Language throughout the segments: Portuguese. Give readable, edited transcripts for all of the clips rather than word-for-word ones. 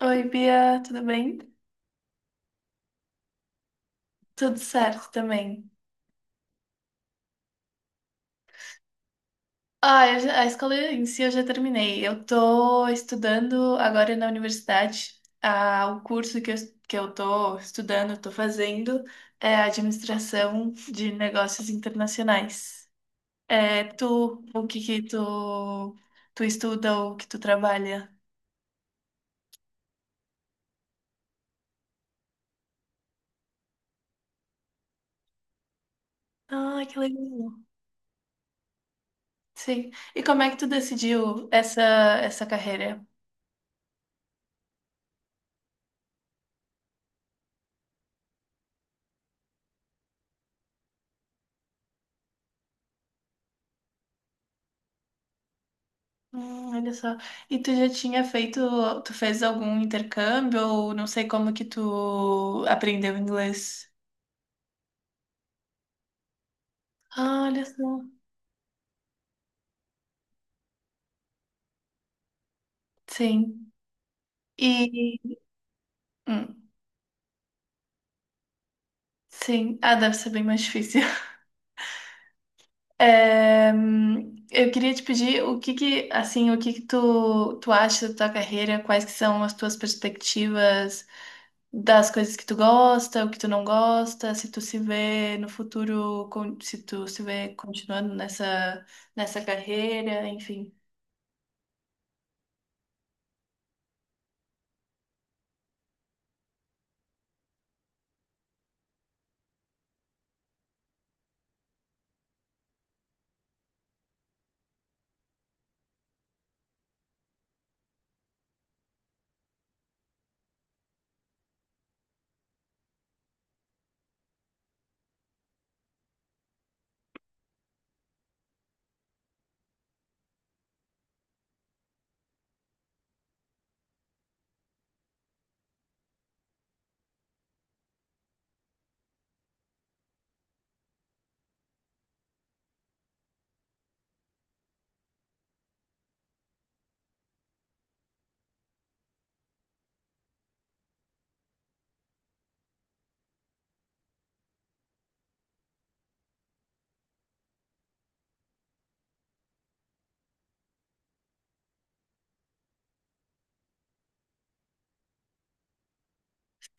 Oi, Bia, tudo bem? Tudo certo também. Ah, a escola em si eu já terminei. Eu tô estudando agora na universidade. Ah, o curso que eu tô estudando, tô fazendo, é administração de negócios internacionais. É, tu, o que que tu estuda ou que tu trabalha? Ah, que legal. Sim. E como é que tu decidiu essa carreira? Olha só. E tu já tinha feito, tu fez algum intercâmbio ou não sei como que tu aprendeu inglês? Ah, olha só. Sim. E hum, sim. Ah, deve ser bem mais difícil. É, eu queria te pedir o que que, assim, o que que tu acha da tua carreira, quais que são as tuas perspectivas, das coisas que tu gosta, o que tu não gosta, se tu se vê no futuro, se tu se vê continuando nessa carreira, enfim.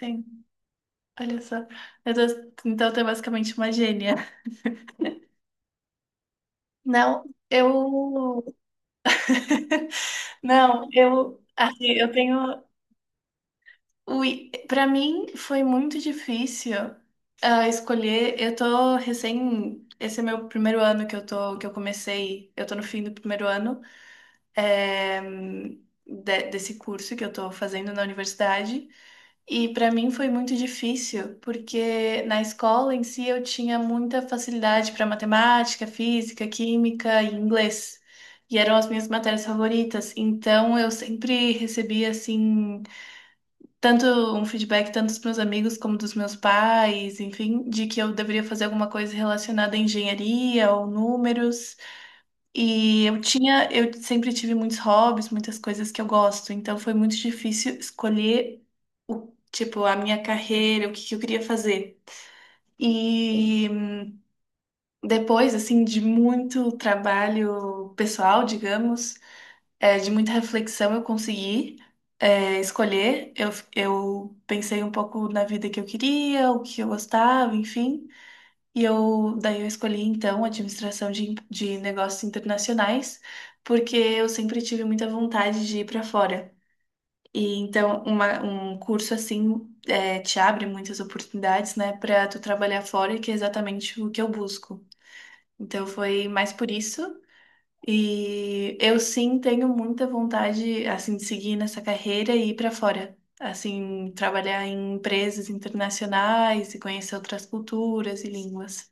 Sim, olha só. Então tu é basicamente uma gênia. Não, eu. Não, eu. Assim, eu tenho. Ui, pra mim foi muito difícil ah, escolher. Eu tô recém. Esse é meu primeiro ano que eu tô, que eu comecei. Eu tô no fim do primeiro ano. eh, desse curso que eu estou fazendo na universidade. E para mim foi muito difícil, porque na escola em si eu tinha muita facilidade para matemática, física, química e inglês. E eram as minhas matérias favoritas. Então eu sempre recebia assim tanto um feedback tanto dos meus amigos como dos meus pais, enfim, de que eu deveria fazer alguma coisa relacionada à engenharia ou números. E eu sempre tive muitos hobbies, muitas coisas que eu gosto, então foi muito difícil escolher o, tipo, a minha carreira, o que que eu queria fazer. E depois, assim, de muito trabalho pessoal, digamos, é, de muita reflexão, eu consegui, é, escolher. Eu pensei um pouco na vida que eu queria, o que eu gostava, enfim. E eu, daí eu escolhi, então, administração de negócios internacionais, porque eu sempre tive muita vontade de ir para fora. E então, um curso assim é, te abre muitas oportunidades, né, para tu trabalhar fora, que é exatamente o que eu busco. Então, foi mais por isso. E eu sim tenho muita vontade, assim, de seguir nessa carreira e ir para fora. Assim, trabalhar em empresas internacionais e conhecer outras culturas e línguas.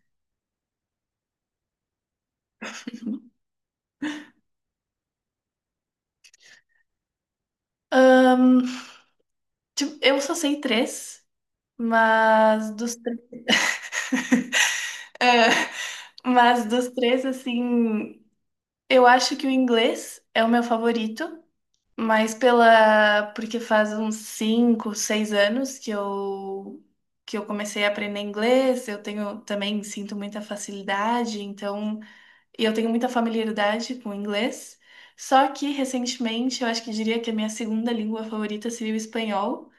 Tipo, eu só sei três, mas dos três. É, mas dos três, assim, eu acho que o inglês é o meu favorito, mas pela. Porque faz uns cinco, seis anos que eu. Que eu comecei a aprender inglês, eu tenho também sinto muita facilidade, então e eu tenho muita familiaridade com o inglês. Só que recentemente eu acho que diria que a minha segunda língua favorita seria o espanhol.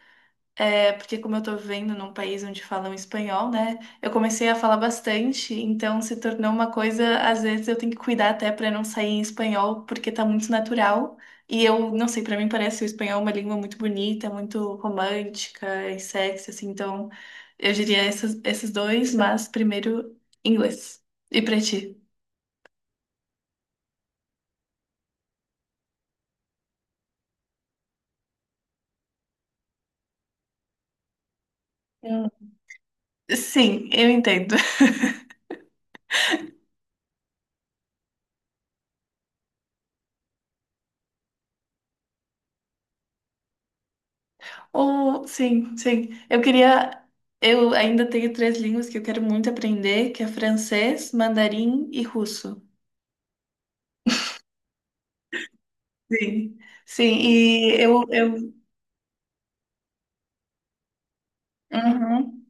É porque como eu tô vivendo num país onde falam espanhol, né? Eu comecei a falar bastante, então se tornou uma coisa, às vezes eu tenho que cuidar até para não sair em espanhol, porque tá muito natural. E eu não sei, para mim parece o espanhol uma língua muito bonita, muito romântica e sexy, assim. Então, eu diria esses dois, mas primeiro inglês. E pra ti? Hum. Sim, eu entendo. Oh, sim, sim. Eu queria. Eu ainda tenho três línguas que eu quero muito aprender, que é francês, mandarim e russo. Sim, sim. E uhum,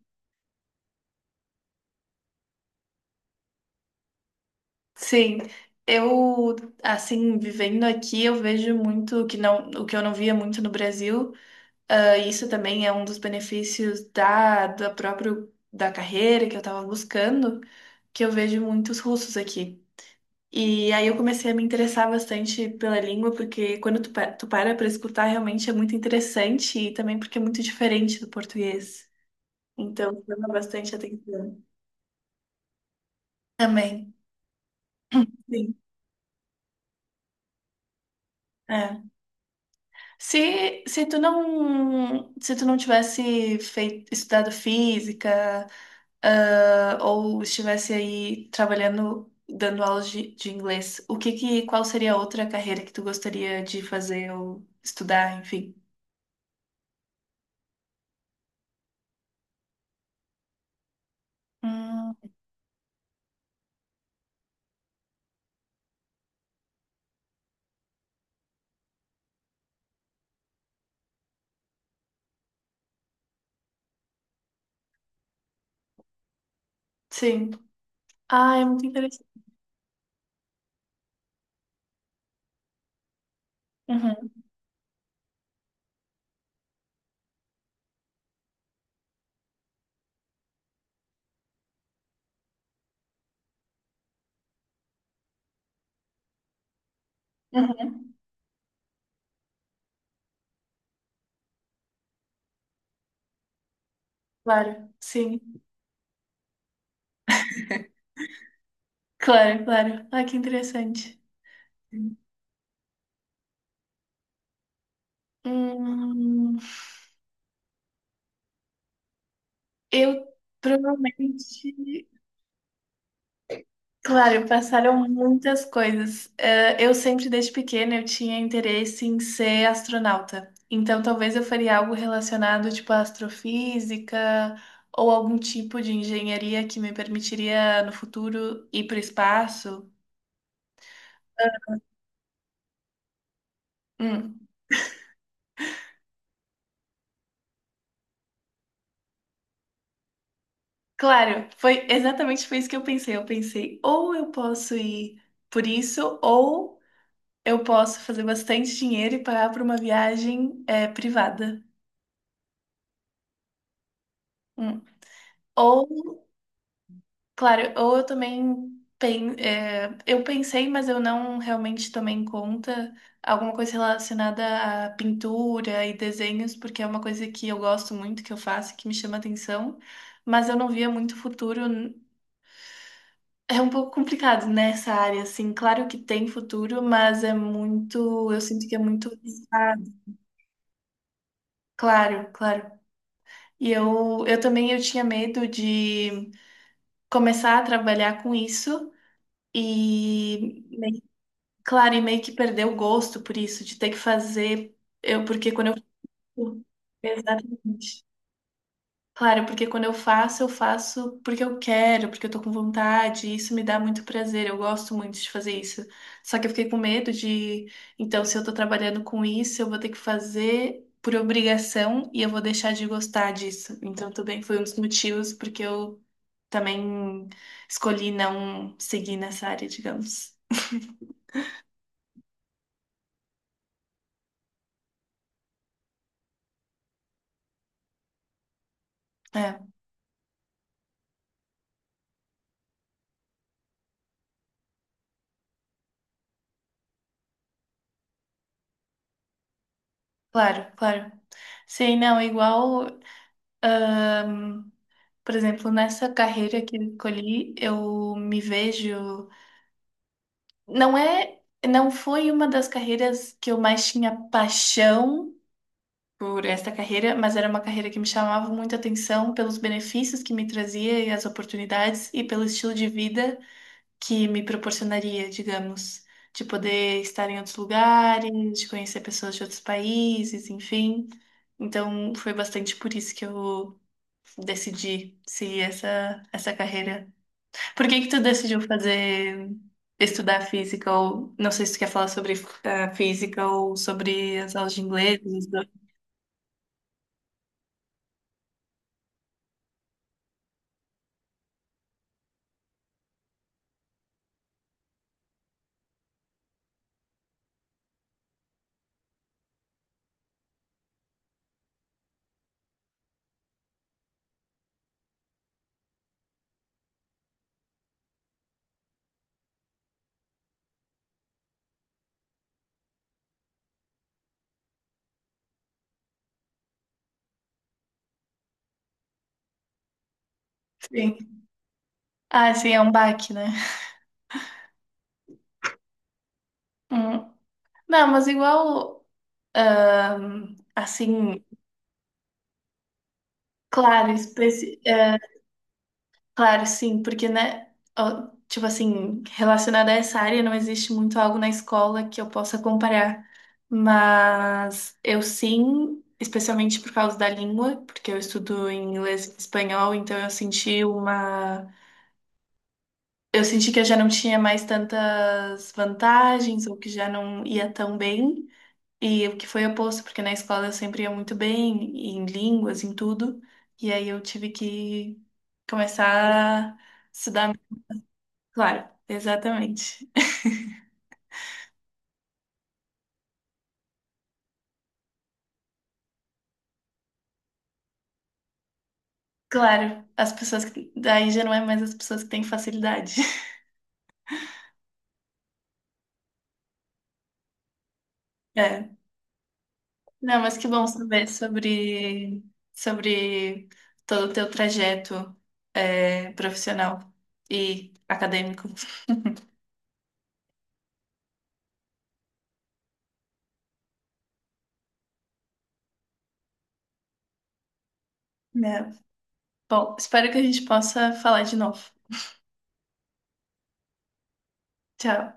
sim. Eu, assim, vivendo aqui, eu vejo muito que não, o que eu não via muito no Brasil. Ah, isso também é um dos benefícios da próprio da carreira que eu estava buscando, que eu vejo muitos russos aqui. E aí eu comecei a me interessar bastante pela língua, porque quando tu para escutar, realmente é muito interessante e também porque é muito diferente do português. Então, chama bastante atenção. Também. Sim, é. Se tu não tivesse feito, estudado física, ah, ou estivesse aí trabalhando, dando aulas de inglês, o que que, qual seria a outra carreira que tu gostaria de fazer ou estudar, enfim? Hum, sim. Ah, é muito interessante. Uhum, uhum. Claro, sim. Claro, claro. Ah, que interessante. Hum, eu provavelmente. Claro, passaram muitas coisas. Eh, eu sempre, desde pequena, eu tinha interesse em ser astronauta. Então, talvez eu faria algo relacionado, tipo, à astrofísica ou algum tipo de engenharia que me permitiria, no futuro, ir para o espaço. Hum. Claro, foi exatamente foi isso que eu pensei. Eu pensei, ou eu posso ir por isso, ou eu posso fazer bastante dinheiro e pagar por uma viagem é, privada. Hum. Ou, claro, ou eu também eu pensei, mas eu não realmente tomei em conta alguma coisa relacionada à pintura e desenhos, porque é uma coisa que eu gosto muito, que eu faço, que me chama atenção, mas eu não via muito futuro. É um pouco complicado nessa área, assim. Claro que tem futuro, mas é muito. Eu sinto que é muito arriscado. Claro, claro. E eu também eu tinha medo de começar a trabalhar com isso e, meio- claro, e meio que perder o gosto por isso, de ter que fazer. Eu, porque quando eu. Exatamente. Claro, porque quando eu faço porque eu quero, porque eu tô com vontade, e isso me dá muito prazer, eu gosto muito de fazer isso. Só que eu fiquei com medo de, então, se eu tô trabalhando com isso, eu vou ter que fazer por obrigação e eu vou deixar de gostar disso. Então, também foi um dos motivos porque eu também escolhi não seguir nessa área, digamos. É, claro, claro. Sei, não, é igual, por exemplo, nessa carreira que eu escolhi, eu me vejo. Não é, não foi uma das carreiras que eu mais tinha paixão por esta carreira, mas era uma carreira que me chamava muita atenção pelos benefícios que me trazia e as oportunidades e pelo estilo de vida que me proporcionaria, digamos, de poder estar em outros lugares, de conhecer pessoas de outros países, enfim. Então, foi bastante por isso que eu decidi seguir essa carreira. Por que que tu decidiu fazer estudar física ou não sei se tu quer falar sobre eh, física ou sobre as aulas de inglês? Os dois. Sim. Ah, sim, é um baque, né? Hum. Não, mas igual assim, claro, específico. Claro, sim, porque, né, ó, tipo assim, relacionada a essa área, não existe muito algo na escola que eu possa comparar. Mas eu sim, especialmente por causa da língua, porque eu estudo em inglês e espanhol, então eu senti uma. Eu senti que eu já não tinha mais tantas vantagens, ou que já não ia tão bem. E o que foi oposto, porque na escola eu sempre ia muito bem, em línguas, em tudo. E aí eu tive que começar a estudar. Claro, exatamente. Claro, as pessoas que. Daí já não é mais as pessoas que têm facilidade. É. Não, mas que bom saber sobre, sobre todo o teu trajeto é, profissional e acadêmico. Né? Bom, espero que a gente possa falar de novo. Tchau.